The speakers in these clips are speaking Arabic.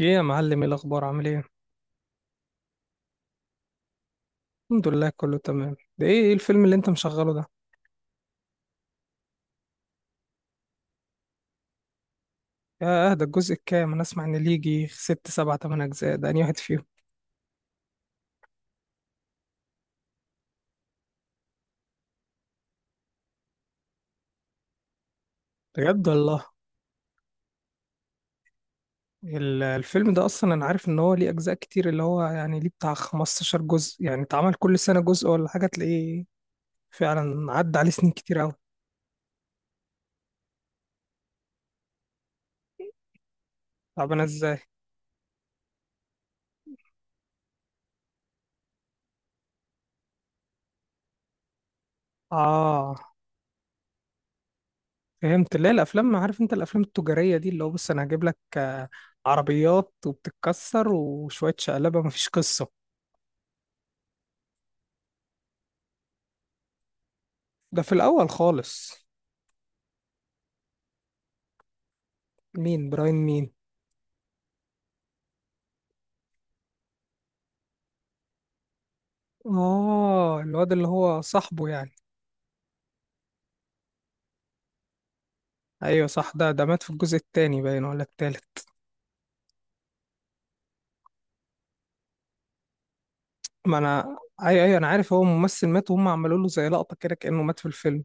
ايه يا معلم، ايه الاخبار؟ عامل ايه؟ الحمد لله، كله تمام. ده ايه الفيلم اللي انت مشغله ده؟ يا ده الجزء الكام؟ انا اسمع ان ليه يجي ست سبع تمن اجزاء، ده انهي واحد فيهم؟ بجد والله. الفيلم ده اصلا انا عارف ان هو ليه اجزاء كتير، اللي هو يعني ليه بتاع 15 جزء، يعني اتعمل كل سنة جزء ولا حاجة تلاقيه فعلا عدى عليه سنين كتير قوي. طب انا ازاي؟ اه، فهمت. لا، الافلام، عارف انت الافلام التجارية دي اللي هو، بص انا هجيب لك، عربيات وبتتكسر وشوية شقلبة، مفيش قصة. ده في الأول خالص. مين براين مين؟ آه، الواد اللي هو صاحبه يعني. أيوة صح، ده مات في الجزء التاني باين ولا التالت؟ ما أنا أيوة أيوة، أنا عارف هو ممثل مات وهم عملوا له زي لقطة كده كأنه مات في الفيلم.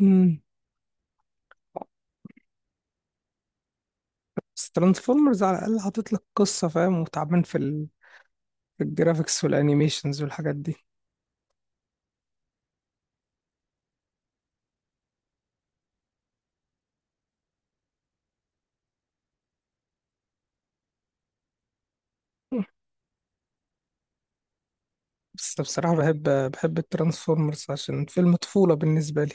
امم. بس ترانسفورمرز على الأقل حاطط لك قصة، فاهم، وتعبان في الجرافيكس والأنيميشنز والحاجات دي. بس بصراحة بحب الترانسفورمرز عشان فيلم طفولة بالنسبة لي،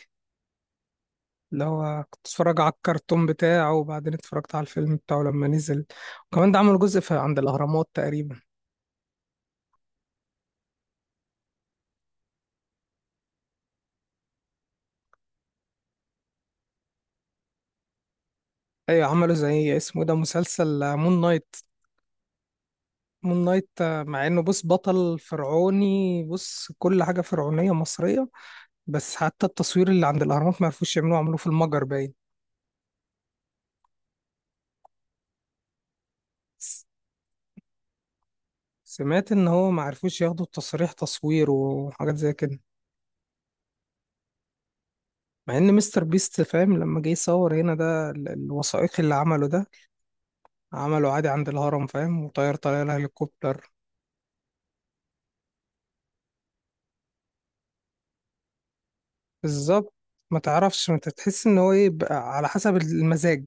اللي هو كنت اتفرج على الكرتون بتاعه وبعدين اتفرجت على الفيلم بتاعه لما نزل. وكمان ده عملوا جزء في عند الأهرامات تقريبا. ايوه، عملوا زي اسمه إيه ده، مسلسل مون نايت. مون نايت، مع انه بص بطل فرعوني، بص كل حاجة فرعونية مصرية، بس حتى التصوير اللي عند الأهرامات ما عرفوش يعملوه، عملوه في المجر باين. س- سمعت ان هو ما عرفوش ياخدوا التصريح تصوير وحاجات زي كده. مع ان مستر بيست فاهم، لما جه يصور هنا ده الوثائقي اللي عمله ده، عمله عادي عند الهرم، فاهم، وطير طيارة الهليكوبتر. بالظبط. ما تعرفش، ما تحس ان هو ايه بقى، على حسب المزاج.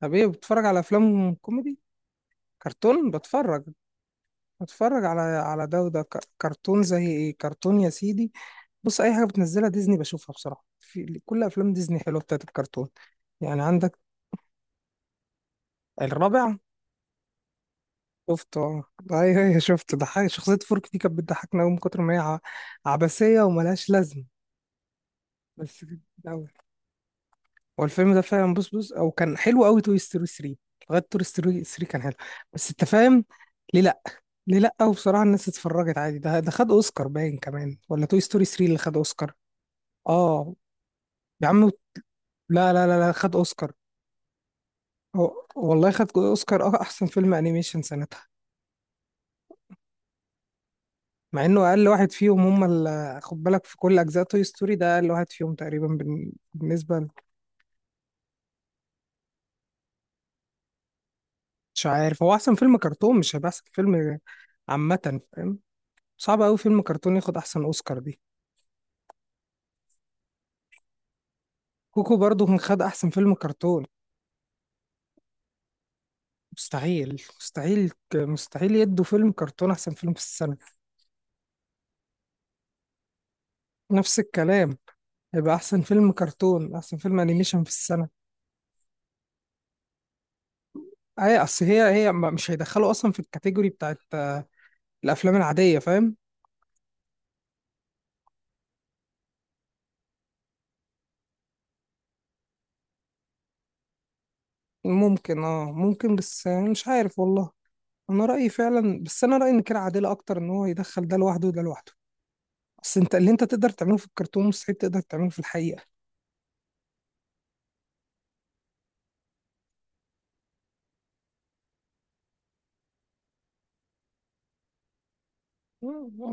طب ايه، بتتفرج على افلام كوميدي؟ كرتون بتفرج؟ بتفرج على ده وده، كرتون زي ايه؟ كرتون يا سيدي، بص اي حاجه بتنزلها ديزني بشوفها، بصراحه في كل افلام ديزني حلوه بتاعت الكرتون. يعني عندك الرابع؟ شفته، اه. ايوه ايوه شفته، ضحك، شخصيه فورك دي كانت بتضحكنا قوي من كتر ما هي عبثيه وملهاش لازمه. بس هو الفيلم ده فعلا، بص بص، او كان حلو قوي، توي ستوري 3. لغايه توي ستوري 3 كان حلو، بس انت فاهم، ليه لا؟ ليه لا؟ وبصراحه الناس اتفرجت عادي، ده خد اوسكار باين كمان، ولا توي ستوري 3 اللي خد اوسكار؟ اه. يا عم، لا لا لا لا، خد اوسكار. هو والله خد اوسكار، اه، احسن فيلم انيميشن سنتها. مع انه اقل واحد فيهم، هم اللي خد بالك، في كل اجزاء توي ستوري ده اقل واحد فيهم تقريبا بالنسبه. مش عارف، هو احسن فيلم كرتون مش هيبقى احسن فيلم، عامه فاهم. صعب قوي فيلم كرتون ياخد احسن اوسكار دي. كوكو برضو كان خد احسن فيلم كرتون. مستحيل مستحيل، مستحيل يدوا فيلم كرتون احسن فيلم في السنه. نفس الكلام، هيبقى احسن فيلم كرتون، احسن فيلم انيميشن في السنه. اي اصل هي مش هيدخلوا اصلا في الكاتيجوري بتاعت، الافلام العاديه، فاهم. ممكن، ممكن، بس، مش عارف والله. انا رايي فعلا، بس انا رايي ان كده عادله اكتر، ان هو يدخل ده لوحده وده لوحده، اصل انت اللي انت تقدر تعمله في الكرتون مستحيل تقدر تعمله في الحقيقه.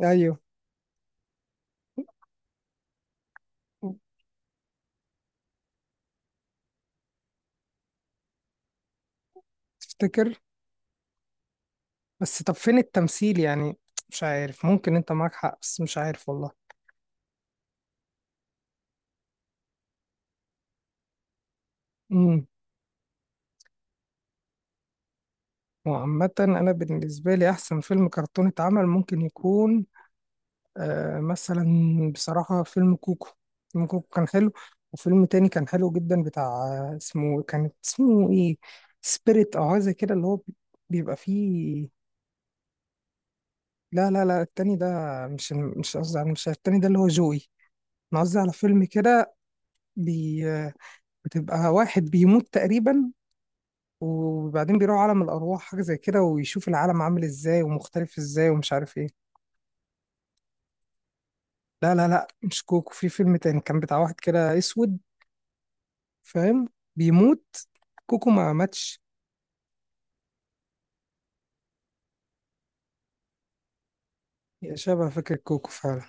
ايوه. تفتكر؟ بس طب فين التمثيل يعني؟ مش عارف، ممكن انت معاك حق، بس مش عارف والله. امم. وعامة انا بالنسبة لي احسن فيلم كرتون اتعمل ممكن يكون، مثلا بصراحة فيلم كوكو. فيلم كوكو كان حلو. وفيلم تاني كان حلو جدا بتاع، اسمه كان، اسمه ايه، سبيريت او حاجة كده، اللي هو بيبقى فيه. لا لا لا، التاني ده، مش قصدي، على مش التاني ده اللي هو جوي. انا قصدي على فيلم كده، بي... آه، بتبقى واحد بيموت تقريبا، وبعدين بيروح عالم الأرواح حاجة زي كده، ويشوف العالم عامل ازاي ومختلف ازاي ومش عارف ايه. لا لا لا، مش كوكو، في فيلم تاني كان بتاع واحد كده اسود، فاهم، بيموت. كوكو ما ماتش. يا شبه فاكر كوكو فعلا.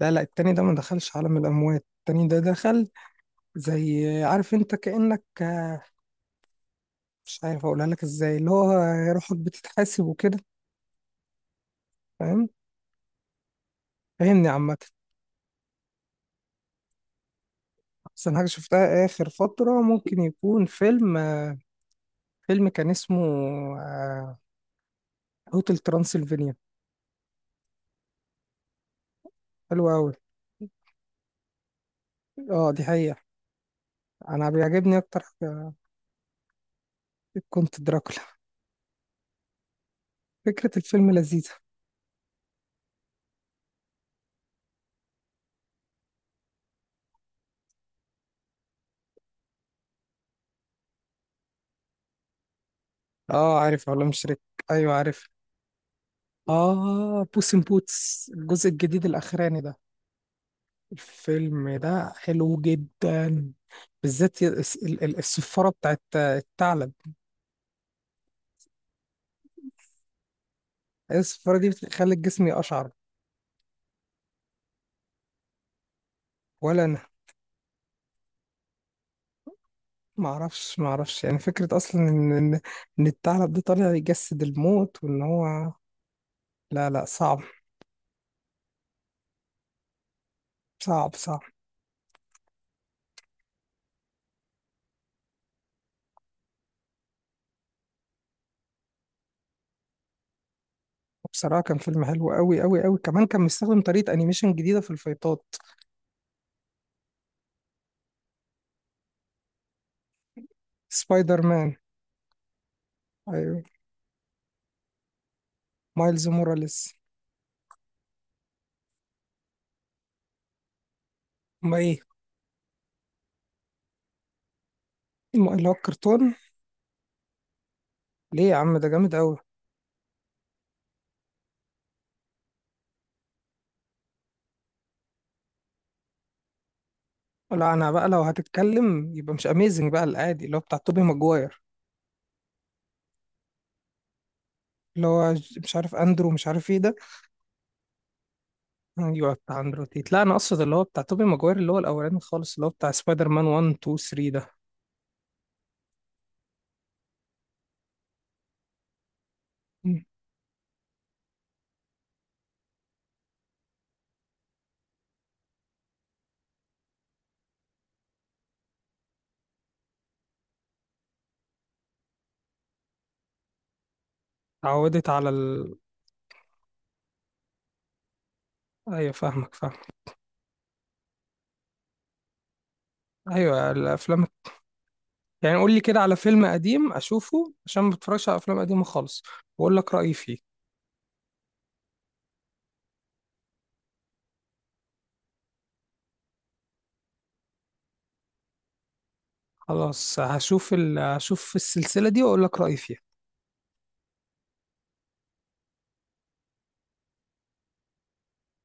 لا لا، التاني ده ما دخلش عالم الأموات، التاني ده دخل زي، عارف انت، كأنك، مش عارف اقولها لك ازاي، اللي هو روحك بتتحاسب وكده. فاهم؟ فاهمني عامة. أحسن حاجة شفتها آخر فترة ممكن يكون فيلم، فيلم كان اسمه هوتل ترانسلفانيا. حلو أوي. اه دي حقيقة. أنا بيعجبني أكتر حاجة، كنت دراكولا. فكرة الفيلم لذيذة. اه، عارف علوم شريك. أيوه عارف. اه، بوس إن بوتس الجزء الجديد الأخراني ده، الفيلم ده حلو جدا. بالذات الصفارة بتاعت الثعلب. أيوة، الصفارة دي بتخلي الجسم يقشعر. ولا أنا، معرفش يعني، فكرة أصلا إن الثعلب ده طالع يجسد الموت وإن هو، لا لا، صعب، صعب صعب. بصراحة كان فيلم حلو أوي أوي أوي، كمان كان مستخدم طريقة أنيميشن جديدة في الفايتات. سبايدر مان. أيوه، مايلز موراليس. أما إيه، اللي هو الكرتون؟ ليه يا عم، ده جامد أوي. لا أنا بقى، لو هتتكلم يبقى مش أميزنج بقى، العادي اللي هو بتاع توبي ماجواير. اللي هو مش عارف أندرو، مش عارف إيه ده. أيوه، بتاع أندرو تيت. لا أنا أقصد اللي هو بتاع توبي ماجواير، اللي هو الأولاني خالص، اللي هو بتاع سبايدر مان 1 2 3 ده. م. اتعودت على. أيوه فاهمك فاهمك. أيوه الأفلام، يعني قول لي كده على فيلم قديم اشوفه، عشان ما بتفرجش على افلام قديمه خالص، واقول لك رايي فيه. خلاص هشوف هشوف السلسله دي واقول لك رايي فيها.